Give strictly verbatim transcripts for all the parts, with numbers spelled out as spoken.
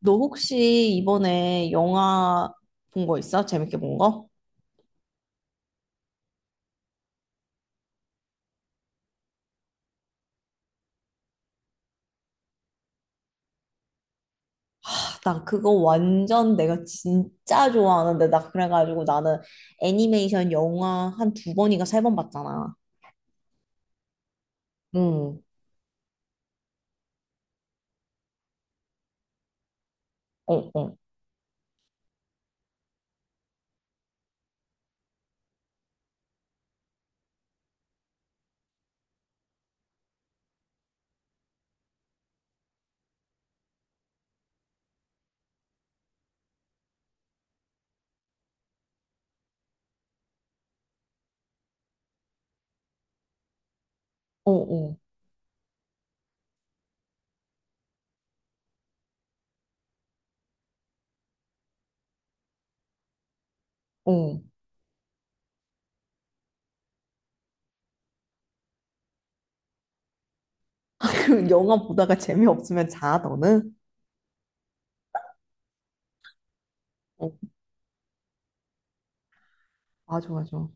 너 혹시 이번에 영화 본 거 있어? 재밌게 본 거? 아, 나 그거 완전 내가 진짜 좋아하는데 나 그래가지고 나는 애니메이션 영화 한 두 번인가 세 번 봤잖아. 응, 어, 어, 어, 어, 어, 그 영화 보다가 재미없으면 자, 너는? 어, 맞아, 맞아.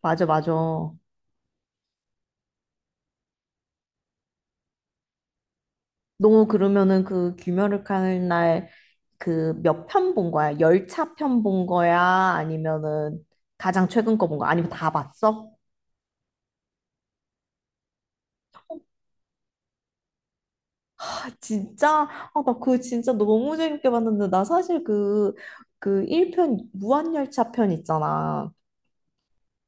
맞아, 맞아. 너 그러면은 그 귀멸을 하는 날 그 몇 편 본 거야? 열차 편 본 거야? 아니면은 가장 최근 거 본 거야? 아니면 다 봤어? 진짜? 아, 나 그거 진짜 너무 재밌게 봤는데, 나 사실 그, 그 일 편, 무한열차 편 있잖아.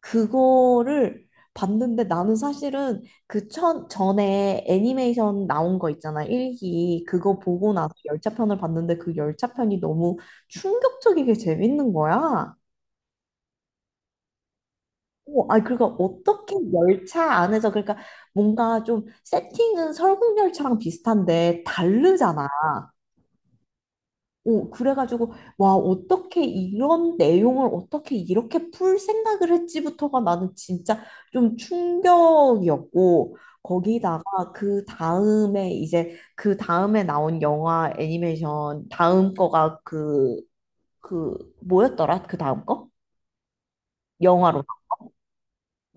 그거를 봤는데 나는 사실은 그 천, 전에 애니메이션 나온 거 있잖아. 일 기. 그거 보고 나서 열차편을 봤는데 그 열차편이 너무 충격적이게 재밌는 거야. 오, 아, 그러니까 어떻게 열차 안에서, 그러니까 뭔가 좀 세팅은 설국열차랑 비슷한데 다르잖아. 오, 그래가지고, 와, 어떻게 이런 내용을 어떻게 이렇게 풀 생각을 했지부터가 나는 진짜 좀 충격이었고, 거기다가 그 다음에 이제 그 다음에 나온 영화 애니메이션 다음 거가 그, 그, 뭐였더라? 그 다음 거? 영화로,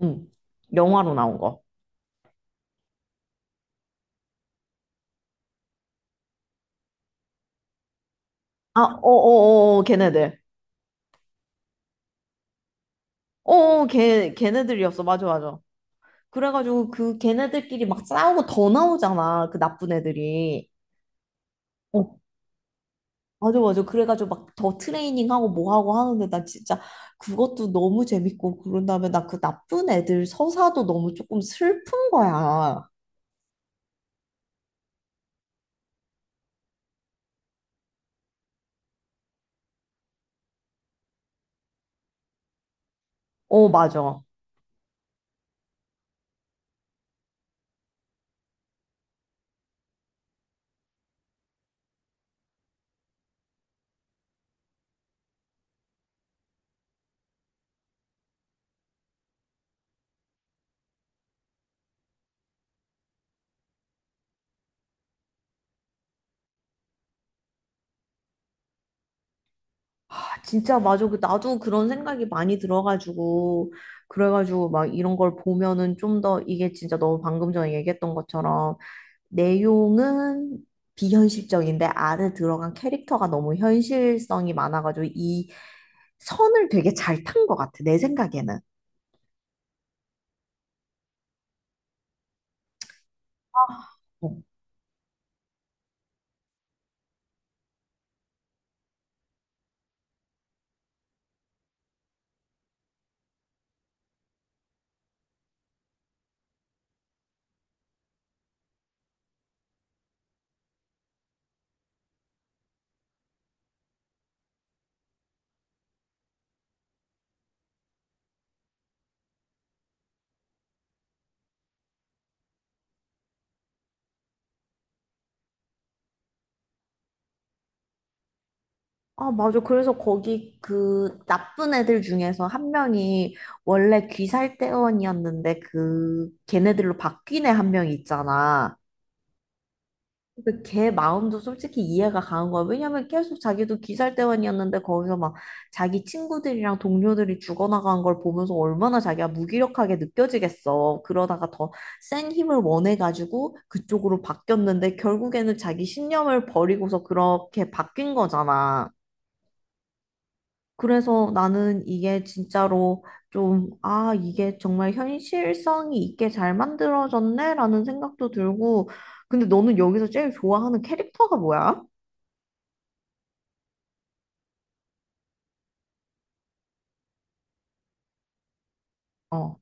응, 영화로 나온 거. 아, 어어어, 걔네들. 어어, 걔, 걔네들이었어. 맞아, 맞아. 그래가지고 그 걔네들끼리 막 싸우고 더 나오잖아. 그 나쁜 애들이. 어, 맞아, 맞아. 그래가지고 막 더 트레이닝하고 뭐 하고 하는데 나 진짜 그것도 너무 재밌고 그런 다음에 나 그 나쁜 애들 서사도 너무 조금 슬픈 거야. 어, 맞아. 아, 진짜 맞아. 그 나도 그런 생각이 많이 들어가지고 그래가지고 막 이런 걸 보면은 좀 더 이게 진짜 너 방금 전에 얘기했던 것처럼 내용은 비현실적인데 안에 들어간 캐릭터가 너무 현실성이 많아가지고 이 선을 되게 잘 탄 것 같아. 내 생각에는. 어. 아, 맞아. 그래서 거기 그 나쁜 애들 중에서 한 명이 원래 귀살대원이었는데 그 걔네들로 바뀐 애 한 명이 있잖아. 그 걔 마음도 솔직히 이해가 가는 거야. 왜냐면 계속 자기도 귀살대원이었는데 거기서 막 자기 친구들이랑 동료들이 죽어나간 걸 보면서 얼마나 자기가 무기력하게 느껴지겠어. 그러다가 더 센 힘을 원해가지고 그쪽으로 바뀌었는데 결국에는 자기 신념을 버리고서 그렇게 바뀐 거잖아. 그래서 나는 이게 진짜로 좀, 아, 이게 정말 현실성이 있게 잘 만들어졌네? 라는 생각도 들고, 근데 너는 여기서 제일 좋아하는 캐릭터가 뭐야? 어.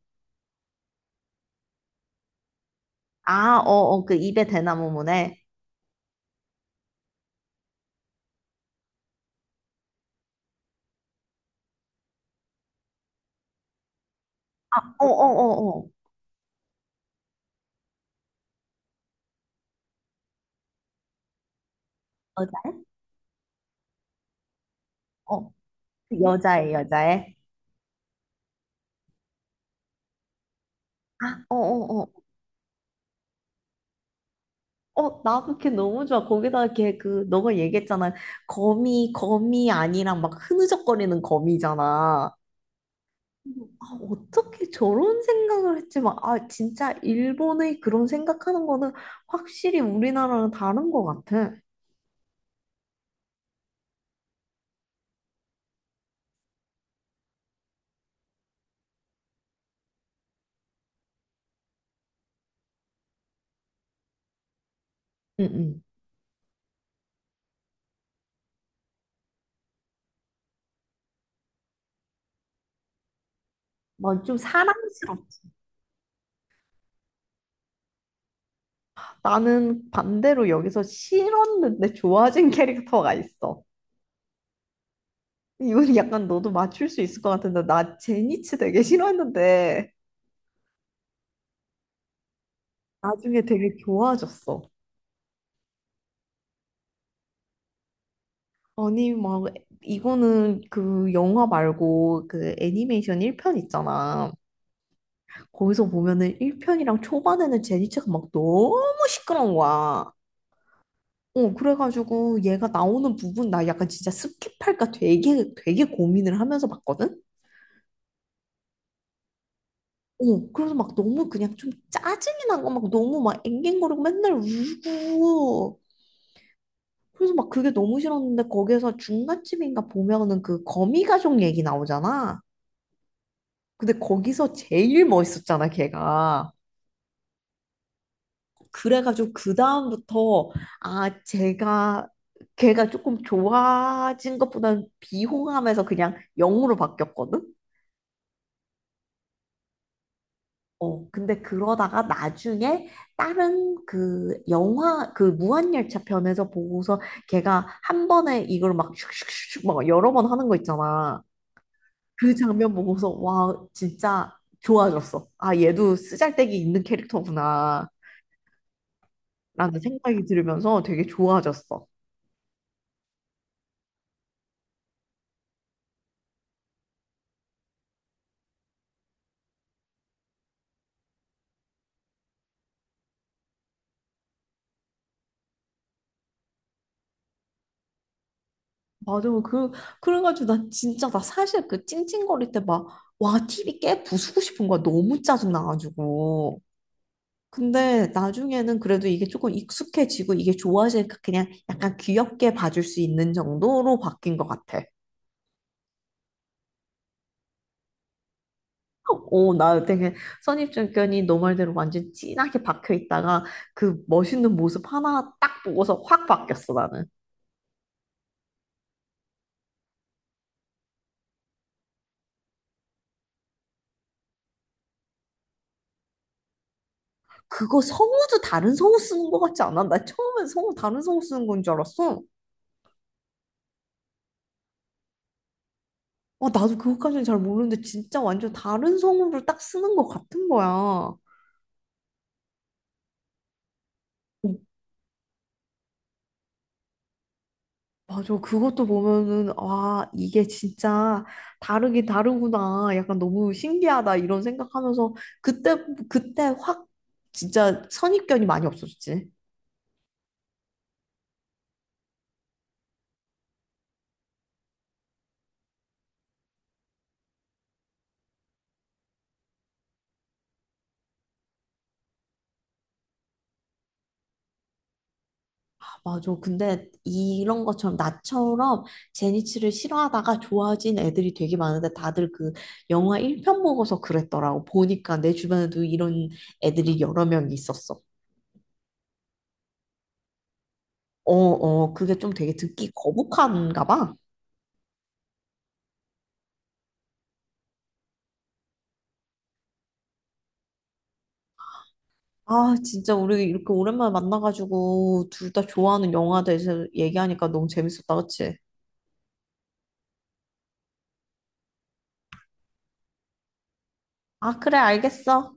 아, 어, 어, 그 입에 대나무 문에. 아, 어, 어, 어, 어. 여자, 어. 그 여자애, 여자애. 아, 어, 어, 어. 어, 나 그렇게 너무 좋아. 거기다가 걔 그, 너가 얘기했잖아. 거미, 거미 아니랑 막 흐느적거리는 거미잖아. 아, 어떻게 저런 생각을 했지? 막, 아, 진짜 일본의 그런 생각하는 거는 확실히 우리나라랑 다른 것 같아. 응, 응. 막좀 사랑스럽다. 나는 반대로 여기서 싫었는데 좋아진 캐릭터가 있어. 이건 약간 너도 맞출 수 있을 것 같은데, 나 제니츠 되게 싫었는데, 나중에 되게 좋아졌어. 아니, 막, 이거는 그 영화 말고 그 애니메이션 일 편 있잖아. 거기서 보면은 일 편이랑 초반에는 제니체가 막 너무 시끄러운 거야. 어, 그래가지고 얘가 나오는 부분 나 약간 진짜 스킵할까 되게 되게 고민을 하면서 봤거든? 어, 그래서 막 너무 그냥 좀 짜증이 난 거 막 너무 막 앵앵거리고 맨날 울고 그래서 막 그게 너무 싫었는데 거기에서 중간쯤인가 보면은 그 거미 가족 얘기 나오잖아. 근데 거기서 제일 멋있었잖아, 걔가. 그래가지고 그다음부터 아 제가 걔가 조금 좋아진 것보다는 비호감에서 그냥 영으로 바뀌었거든? 어, 근데 그러다가 나중에 다른 그 영화, 그 무한열차 편에서 보고서 걔가 한 번에 이걸 막 슉슉슉슉 막 여러 번 하는 거 있잖아. 그 장면 보고서 와, 진짜 좋아졌어. 아, 얘도 쓰잘데기 있는 캐릭터구나. 라는 생각이 들으면서 되게 좋아졌어. 맞아. 그, 그래가지고 나 진짜, 나 사실 그 찡찡거릴 때 막, 와, 티비 깨 부수고 싶은 거야. 너무 짜증나가지고. 근데 나중에는 그래도 이게 조금 익숙해지고 이게 좋아지니까 그냥 약간 귀엽게 봐줄 수 있는 정도로 바뀐 것 같아. 오, 나 되게 선입견이 너 말대로 완전 진하게 박혀 있다가 그 멋있는 모습 하나 딱 보고서 확 바뀌었어, 나는. 그거 성우도 다른 성우 쓰는 것 같지 않아? 나 처음엔 성우 다른 성우 쓰는 건 줄 알았어. 어, 나도 그것까지는 잘 모르는데 진짜 완전 다른 성우를 딱 쓰는 것 같은 거야. 어, 맞아. 그것도 보면은 와, 이게 진짜 다르긴 다르구나. 약간 너무 신기하다 이런 생각하면서 그때 그때 확 진짜 선입견이 많이 없어졌지. 아, 맞아. 근데 이런 것처럼 나처럼 제니치를 싫어하다가 좋아진 애들이 되게 많은데 다들 그 영화 일 편 보고서 그랬더라고. 보니까 내 주변에도 이런 애들이 여러 명 있었어. 어, 어, 그게 좀 되게 듣기 거북한가 봐. 아, 진짜 우리 이렇게 오랜만에 만나가지고 둘 다 좋아하는 영화에 대해서 얘기하니까 너무 재밌었다, 그치? 아, 그래, 알겠어.